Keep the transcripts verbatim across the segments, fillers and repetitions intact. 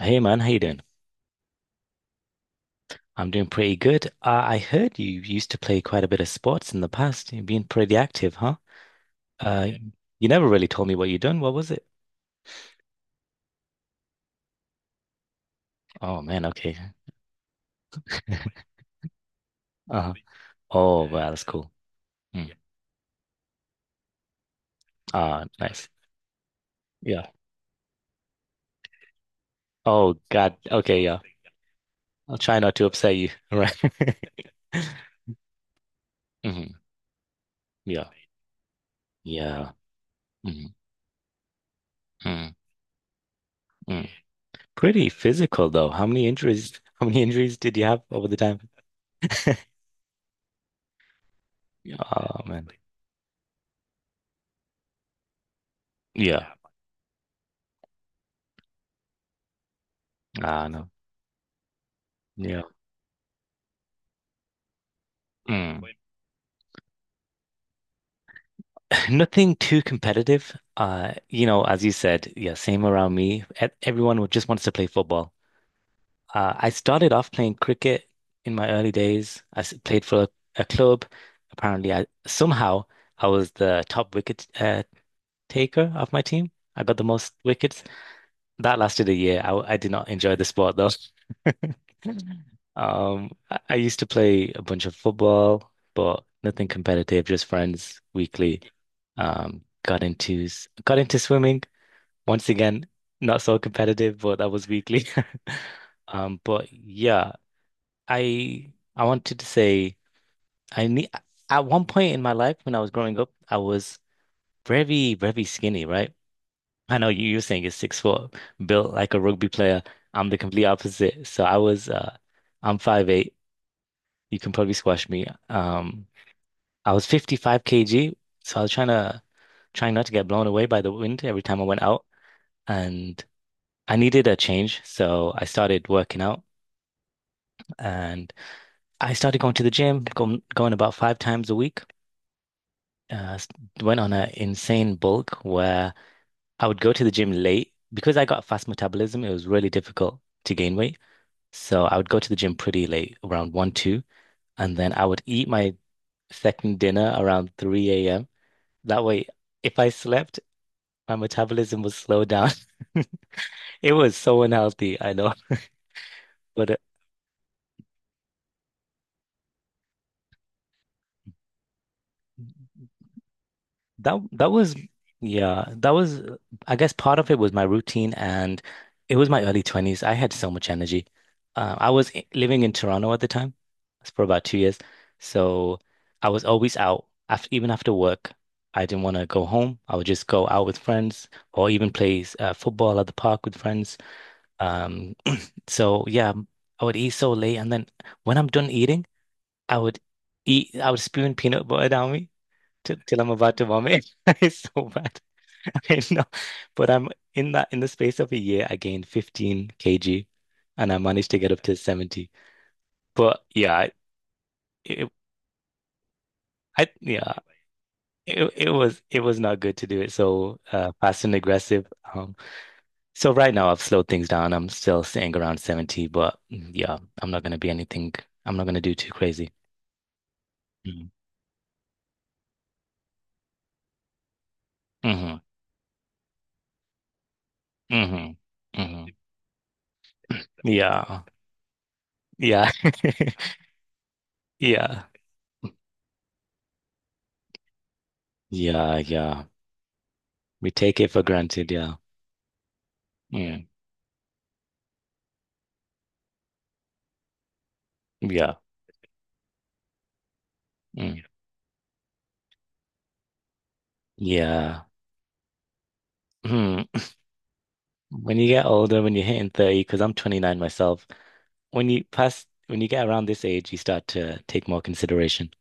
Hey man, how you doing? I'm doing pretty good. Uh, I heard you used to play quite a bit of sports in the past. You've been pretty active, huh? Uh, you never really told me what you done. What was it? Oh man, okay. Uh-huh. Oh wow, that's cool. Mm. Ah, nice. Yeah. Oh God. Okay, yeah. I'll try not to upset you. Right. Hmm. Yeah. Yeah. Hmm. Mm. Mm. Pretty physical though. How many injuries? How many injuries did you have over the time? Oh man. Yeah. Ah, no. Mm. Nothing too competitive. Uh, you know, as you said, yeah, same around me. E- Everyone would- just wants to play football. Uh, I started off playing cricket in my early days. I s- played for a, a club. Apparently, I somehow I was the top wicket uh, taker of my team. I got the most wickets. That lasted a year. I, w- I did not enjoy the sport though. Um, I I used to play a bunch of football, but nothing competitive, just friends weekly. Um, got into s- got into swimming. Once again, not so competitive, but that was weekly. Um, but yeah, I I wanted to say I need at one point in my life when I was growing up, I was very, very skinny, right? I know you, you're saying it's six foot, built like a rugby player. I'm the complete opposite. So I was uh I'm five eight. You can probably squash me. Um, I was fifty-five kilograms, so I was trying to trying not to get blown away by the wind every time I went out, and I needed a change, so I started working out, and I started going to the gym, going going about five times a week. Uh, s- went on an insane bulk where I would go to the gym late because I got fast metabolism. It was really difficult to gain weight, so I would go to the gym pretty late, around one, two, and then I would eat my second dinner around three a m. That way, if I slept, my metabolism was slowed down. It was so unhealthy, I know. But uh, that that was yeah, that was uh, I guess part of it was my routine, and it was my early twenties. I had so much energy. Uh, I was i- living in Toronto at the time for about two years. So I was always out, after even after work. I didn't want to go home. I would just go out with friends or even play uh, football at the park with friends. Um, So yeah, I would eat so late, and then when I'm done eating, I would eat. I would spoon peanut butter down me till, till I'm about to vomit. It's so bad. I mean, no, but I'm in that in the space of a year, I gained fifteen kilograms, and I managed to get up to seventy. But yeah, it, it- I yeah, it it was it was not good to do it so uh, fast and aggressive. Um, so right now I've slowed things down. I'm still sitting around seventy, but mm, yeah, I'm not gonna be anything. I'm not gonna do too crazy. Mm. Mhm. Mhm. Mhm. Yeah. Yeah. Yeah. Yeah. Yeah. We take it for granted. Yeah. Mm. Yeah. Mm. Yeah. Mm. When you get older, when you're hitting thirty, because I'm twenty-nine myself, when you pass, when you get around this age, you start to take more consideration.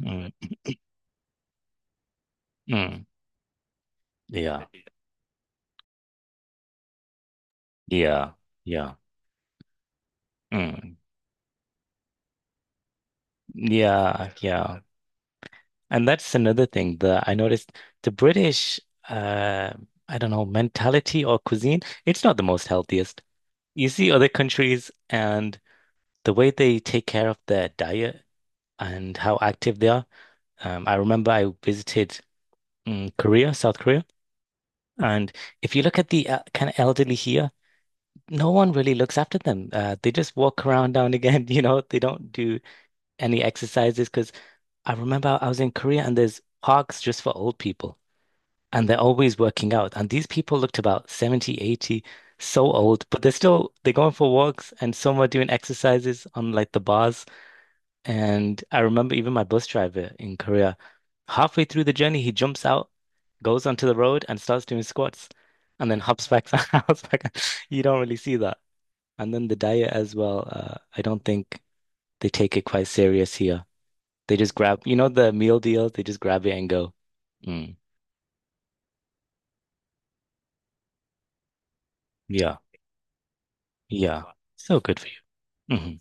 Mm. Mm. Yeah. Yeah. Yeah. Mm. Yeah. Yeah. And that's another thing that I noticed: the British, uh, I don't know, mentality or cuisine, it's not the most healthiest. You see other countries and the way they take care of their diet and how active they are. Um, I remember I visited um, Korea, South Korea, and if you look at the uh, kind of elderly here, no one really looks after them. Uh, they just walk around down again, you know, they don't do any exercises, because I remember I was in Korea and there's parks just for old people. And they're always working out. And these people looked about seventy, eighty, so old, but they're still they're going for walks, and some are doing exercises on like the bars. And I remember even my bus driver in Korea, halfway through the journey, he jumps out, goes onto the road and starts doing squats, and then hops back, hops back. You don't really see that. And then the diet as well, uh, I don't think they take it quite serious here. They just grab, you know, the meal deal, they just grab it and go. Mm, yeah, yeah. So good for you. Mhm.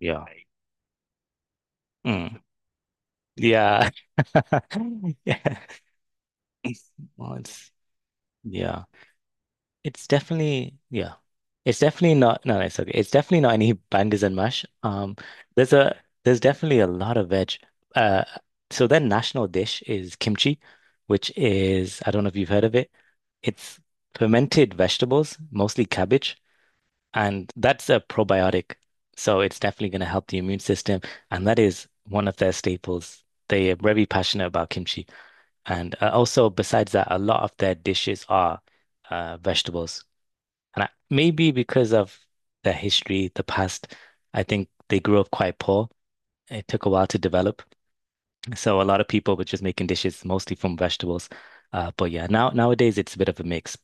Yeah. Like, mm. Yeah. Yeah. It's, Well, it's yeah. It's definitely, yeah. It's definitely not, no, no, it's okay. It's definitely not any bangers and mash. Um there's a there's definitely a lot of veg. Uh so their national dish is kimchi, which is, I don't know if you've heard of it. It's fermented vegetables, mostly cabbage. And that's a probiotic. So it's definitely going to help the immune system. And that is one of their staples. They are very passionate about kimchi. And uh, also, besides that, a lot of their dishes are uh, vegetables. And I, maybe because of their history, the past, I think they grew up quite poor. It took a while to develop. So a lot of people were just making dishes mostly from vegetables. Uh, but yeah, now nowadays it's a bit of a mix.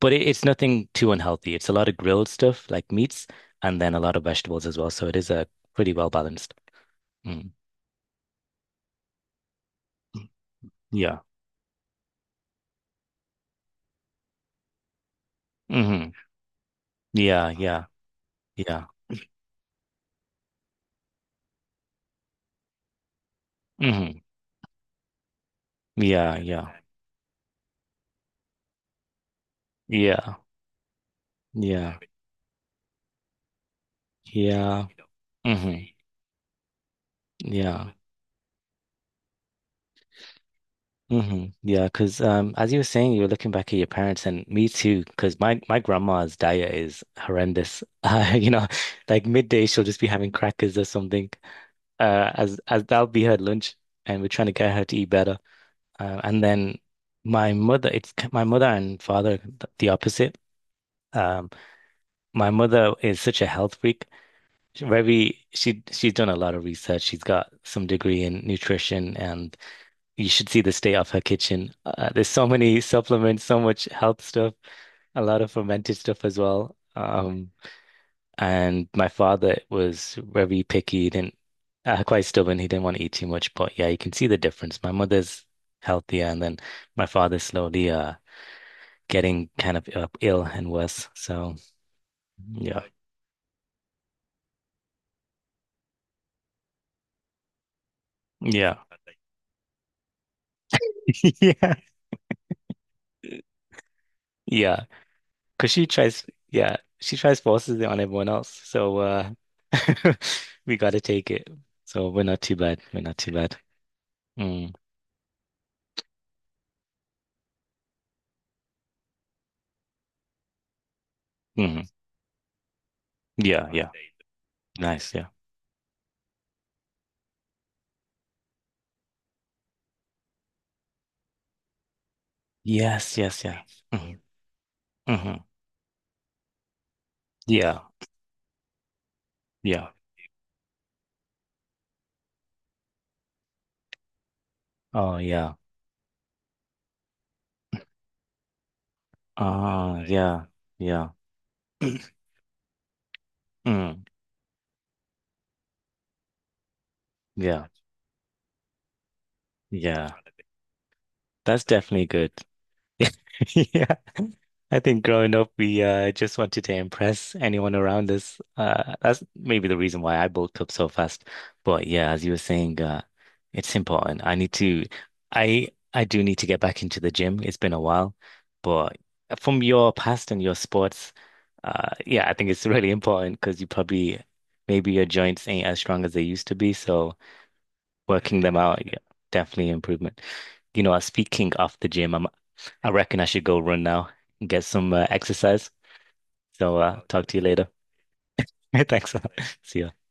But it, it's nothing too unhealthy. It's a lot of grilled stuff like meats, and then a lot of vegetables as well. So it is a pretty well balanced. Mm. Yeah. Hmm. Yeah. Yeah. Yeah. Hmm. Yeah. Yeah. Yeah. Yeah. Yeah. Hmm. Yeah. Hmm. Yeah. Because um, as you were saying, you were looking back at your parents, and me too, because my, my grandma's diet is horrendous. Uh, you know, like midday, she'll just be having crackers or something. Uh, as as that'll be her lunch, and we're trying to get her to eat better. Uh, and then my mother, it's k- my mother and father, th- the opposite. Um, my mother is such a health freak. She very, she she's done a lot of research. She's got some degree in nutrition, and you should see the state of her kitchen. Uh, there's so many supplements, so much health stuff, a lot of fermented stuff as well. Um, and my father was very picky. He didn't, uh, quite stubborn. He didn't want to eat too much. But yeah, you can see the difference. My mother's healthier, and then my father slowly, uh getting kind of uh, ill and worse. So yeah, yeah, yeah, yeah. Because she tries, yeah, she tries forces it on everyone else. So uh, we got to take it. So we're not too bad. We're not too bad. Mm, mhm. Yeah, yeah. Nice. Yeah. Yes. Yes. Yeah. Hmm. Hmm. Yeah. Yeah. Oh, yeah. Oh, yeah. Yeah. Mm, yeah. Yeah. That's definitely good. Yeah. I think growing up, we uh, just wanted to impress anyone around us. Uh, that's maybe the reason why I bulked up so fast. But yeah, as you were saying, uh, it's important. I need to, I I do need to get back into the gym. It's been a while, but from your past and your sports, uh, yeah, I think it's really important, because you probably, maybe your joints ain't as strong as they used to be. So working them out, yeah, definitely improvement. You know, uh, speaking of the gym, I'm, I reckon I should go run now and get some uh, exercise. So uh, talk to you later. Thanks. a lot. See ya.